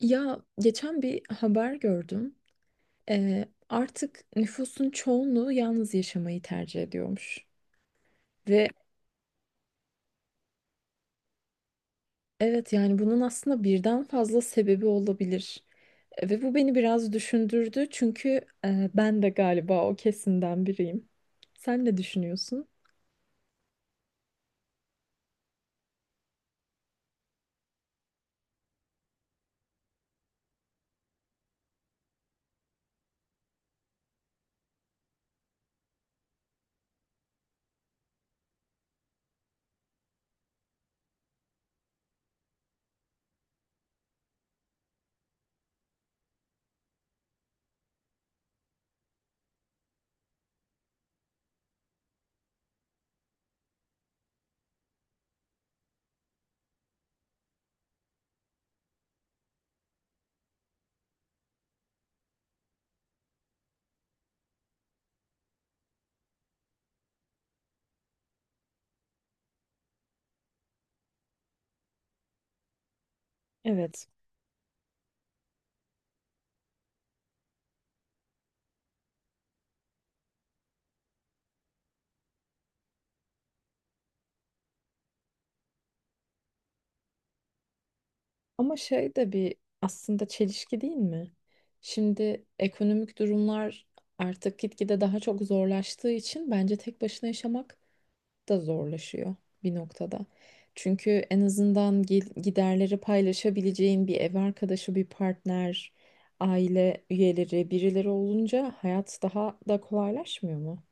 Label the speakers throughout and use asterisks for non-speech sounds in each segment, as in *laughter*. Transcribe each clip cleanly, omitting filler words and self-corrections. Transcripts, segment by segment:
Speaker 1: Ya geçen bir haber gördüm. Artık nüfusun çoğunluğu yalnız yaşamayı tercih ediyormuş. Ve evet, yani bunun aslında birden fazla sebebi olabilir. Ve bu beni biraz düşündürdü, çünkü ben de galiba o kesimden biriyim. Sen ne düşünüyorsun? Evet. Ama şey de bir aslında çelişki değil mi? Şimdi ekonomik durumlar artık gitgide daha çok zorlaştığı için bence tek başına yaşamak da zorlaşıyor bir noktada. Çünkü en azından giderleri paylaşabileceğin bir ev arkadaşı, bir partner, aile üyeleri, birileri olunca hayat daha da kolaylaşmıyor mu?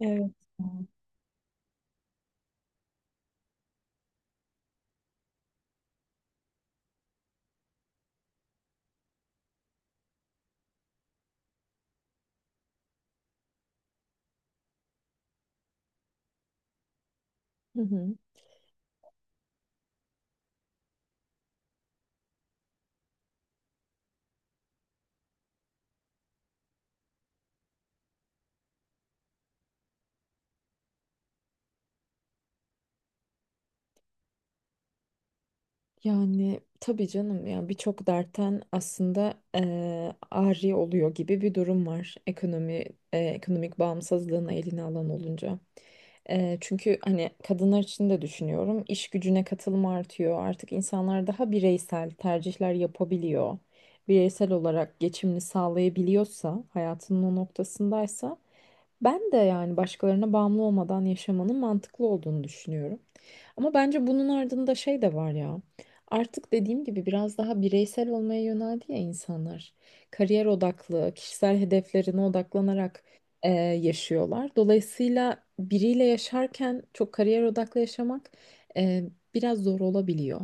Speaker 1: Evet. Hı hı. Yani tabii canım ya, birçok dertten aslında ari oluyor gibi bir durum var. Ekonomi, ekonomik bağımsızlığın eline alan olunca. Çünkü hani kadınlar için de düşünüyorum. İş gücüne katılım artıyor. Artık insanlar daha bireysel tercihler yapabiliyor. Bireysel olarak geçimini sağlayabiliyorsa, hayatının o noktasındaysa ben de yani başkalarına bağımlı olmadan yaşamanın mantıklı olduğunu düşünüyorum. Ama bence bunun ardında şey de var ya. Artık dediğim gibi biraz daha bireysel olmaya yöneldi ya insanlar. Kariyer odaklı, kişisel hedeflerine odaklanarak e, yaşıyorlar. Dolayısıyla biriyle yaşarken çok kariyer odaklı yaşamak e, biraz zor olabiliyor.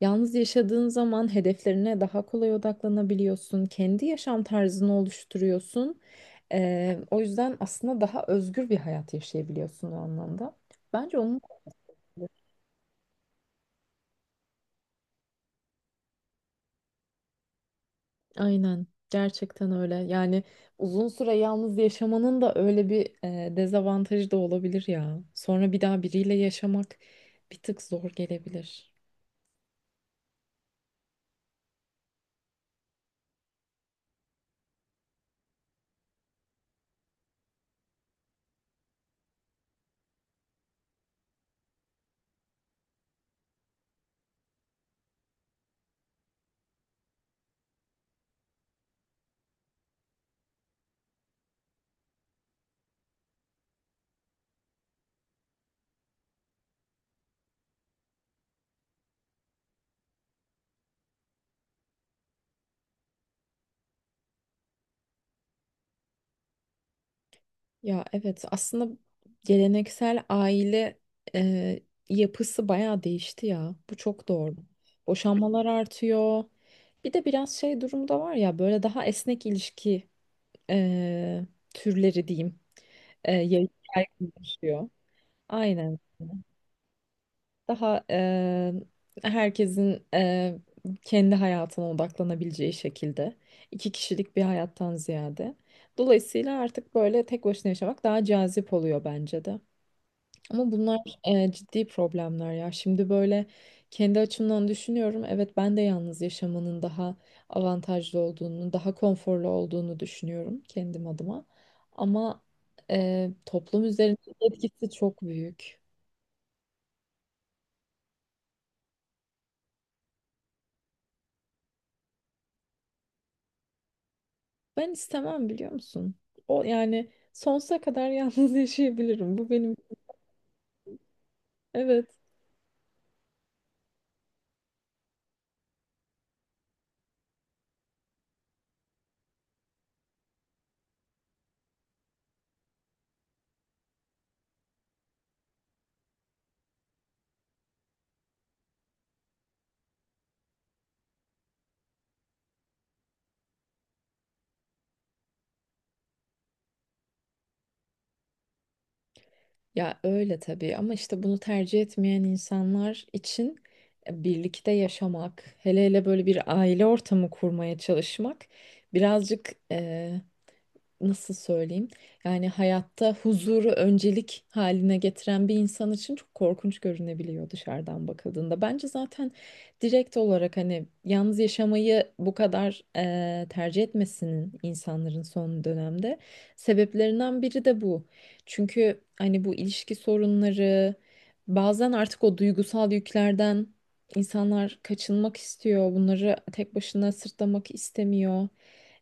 Speaker 1: Yalnız yaşadığın zaman hedeflerine daha kolay odaklanabiliyorsun, kendi yaşam tarzını oluşturuyorsun. O yüzden aslında daha özgür bir hayat yaşayabiliyorsun o anlamda. Bence onun aynen. Gerçekten öyle. Yani uzun süre yalnız yaşamanın da öyle bir dezavantajı da olabilir ya. Sonra bir daha biriyle yaşamak bir tık zor gelebilir. Ya evet, aslında geleneksel aile e, yapısı bayağı değişti ya. Bu çok doğru. Boşanmalar artıyor. Bir de biraz şey durumu da var ya, böyle daha esnek ilişki e, türleri diyeyim. E, yay- Yaygınlaşıyor. Aynen. Daha herkesin kendi hayatına odaklanabileceği şekilde iki kişilik bir hayattan ziyade. Dolayısıyla artık böyle tek başına yaşamak daha cazip oluyor bence de. Ama bunlar ciddi problemler ya. Şimdi böyle kendi açımdan düşünüyorum. Evet, ben de yalnız yaşamanın daha avantajlı olduğunu, daha konforlu olduğunu düşünüyorum kendim adıma. Ama toplum üzerindeki etkisi çok büyük. Ben istemem, biliyor musun? O yani sonsuza kadar yalnız *laughs* yaşayabilirim. Bu benim evet. Ya öyle tabii, ama işte bunu tercih etmeyen insanlar için birlikte yaşamak, hele hele böyle bir aile ortamı kurmaya çalışmak birazcık nasıl söyleyeyim? Yani hayatta huzuru öncelik haline getiren bir insan için çok korkunç görünebiliyor dışarıdan bakıldığında. Bence zaten direkt olarak hani yalnız yaşamayı bu kadar tercih etmesinin insanların son dönemde sebeplerinden biri de bu. Çünkü hani bu ilişki sorunları bazen artık o duygusal yüklerden insanlar kaçınmak istiyor. Bunları tek başına sırtlamak istemiyor.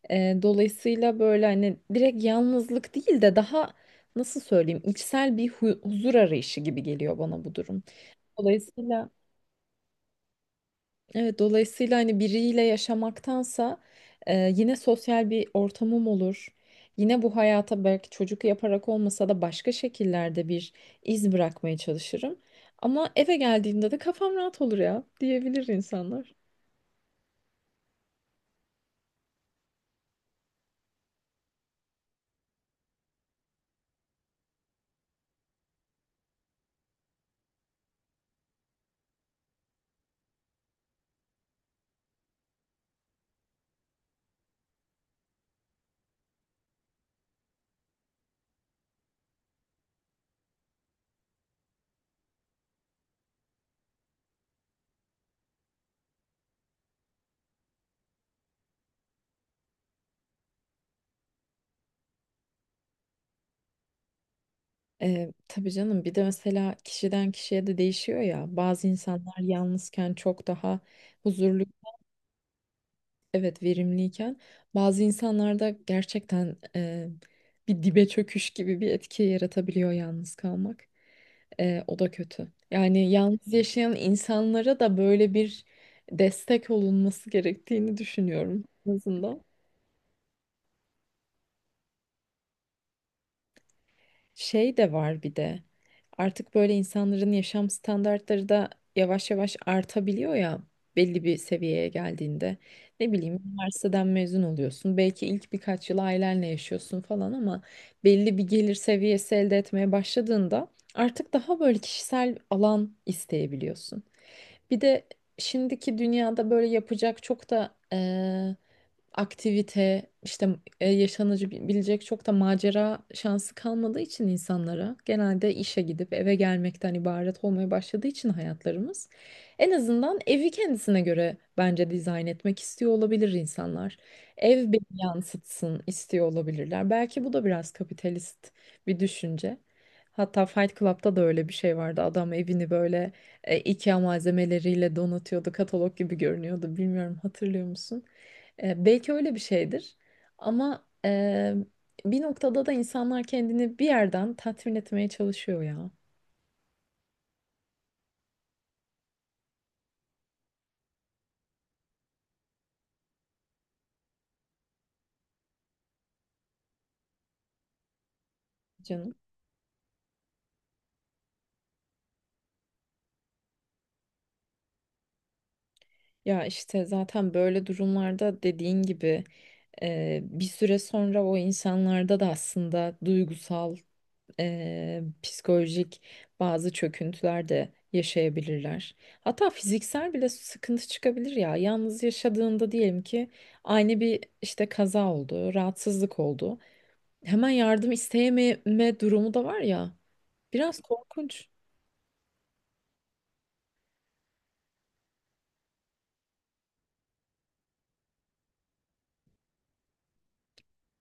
Speaker 1: Dolayısıyla böyle hani direkt yalnızlık değil de daha nasıl söyleyeyim, içsel bir huzur arayışı gibi geliyor bana bu durum. Dolayısıyla evet, dolayısıyla hani biriyle yaşamaktansa yine sosyal bir ortamım olur. Yine bu hayata belki çocuk yaparak olmasa da başka şekillerde bir iz bırakmaya çalışırım. Ama eve geldiğimde de kafam rahat olur ya, diyebilir insanlar. Tabii canım, bir de mesela kişiden kişiye de değişiyor ya, bazı insanlar yalnızken çok daha huzurlu, evet, verimliyken bazı insanlarda gerçekten bir dibe çöküş gibi bir etki yaratabiliyor yalnız kalmak. O da kötü, yani yalnız yaşayan insanlara da böyle bir destek olunması gerektiğini düşünüyorum en azından. Şey de var bir de. Artık böyle insanların yaşam standartları da yavaş yavaş artabiliyor ya belli bir seviyeye geldiğinde. Ne bileyim, üniversiteden mezun oluyorsun. Belki ilk birkaç yıl ailenle yaşıyorsun falan ama belli bir gelir seviyesi elde etmeye başladığında artık daha böyle kişisel alan isteyebiliyorsun. Bir de şimdiki dünyada böyle yapacak çok da aktivite, işte yaşanıcı bilecek çok da macera şansı kalmadığı için insanlara, genelde işe gidip eve gelmekten ibaret olmaya başladığı için hayatlarımız, en azından evi kendisine göre bence dizayn etmek istiyor olabilir insanlar. Ev beni yansıtsın istiyor olabilirler. Belki bu da biraz kapitalist bir düşünce. Hatta Fight Club'da da öyle bir şey vardı. Adam evini böyle IKEA malzemeleriyle donatıyordu. Katalog gibi görünüyordu. Bilmiyorum, hatırlıyor musun? Belki öyle bir şeydir. Ama bir noktada da insanlar kendini bir yerden tatmin etmeye çalışıyor ya. Canım. Ya işte zaten böyle durumlarda dediğin gibi, bir süre sonra o insanlarda da aslında duygusal, psikolojik bazı çöküntüler de yaşayabilirler. Hatta fiziksel bile sıkıntı çıkabilir ya. Yalnız yaşadığında diyelim ki aynı bir işte kaza oldu, rahatsızlık oldu. Hemen yardım isteyememe durumu da var ya. Biraz korkunç.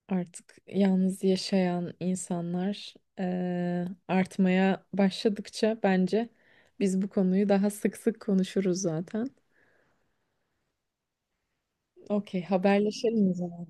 Speaker 1: Artık yalnız yaşayan insanlar artmaya başladıkça bence biz bu konuyu daha sık sık konuşuruz zaten. Okey, haberleşelim o zaman.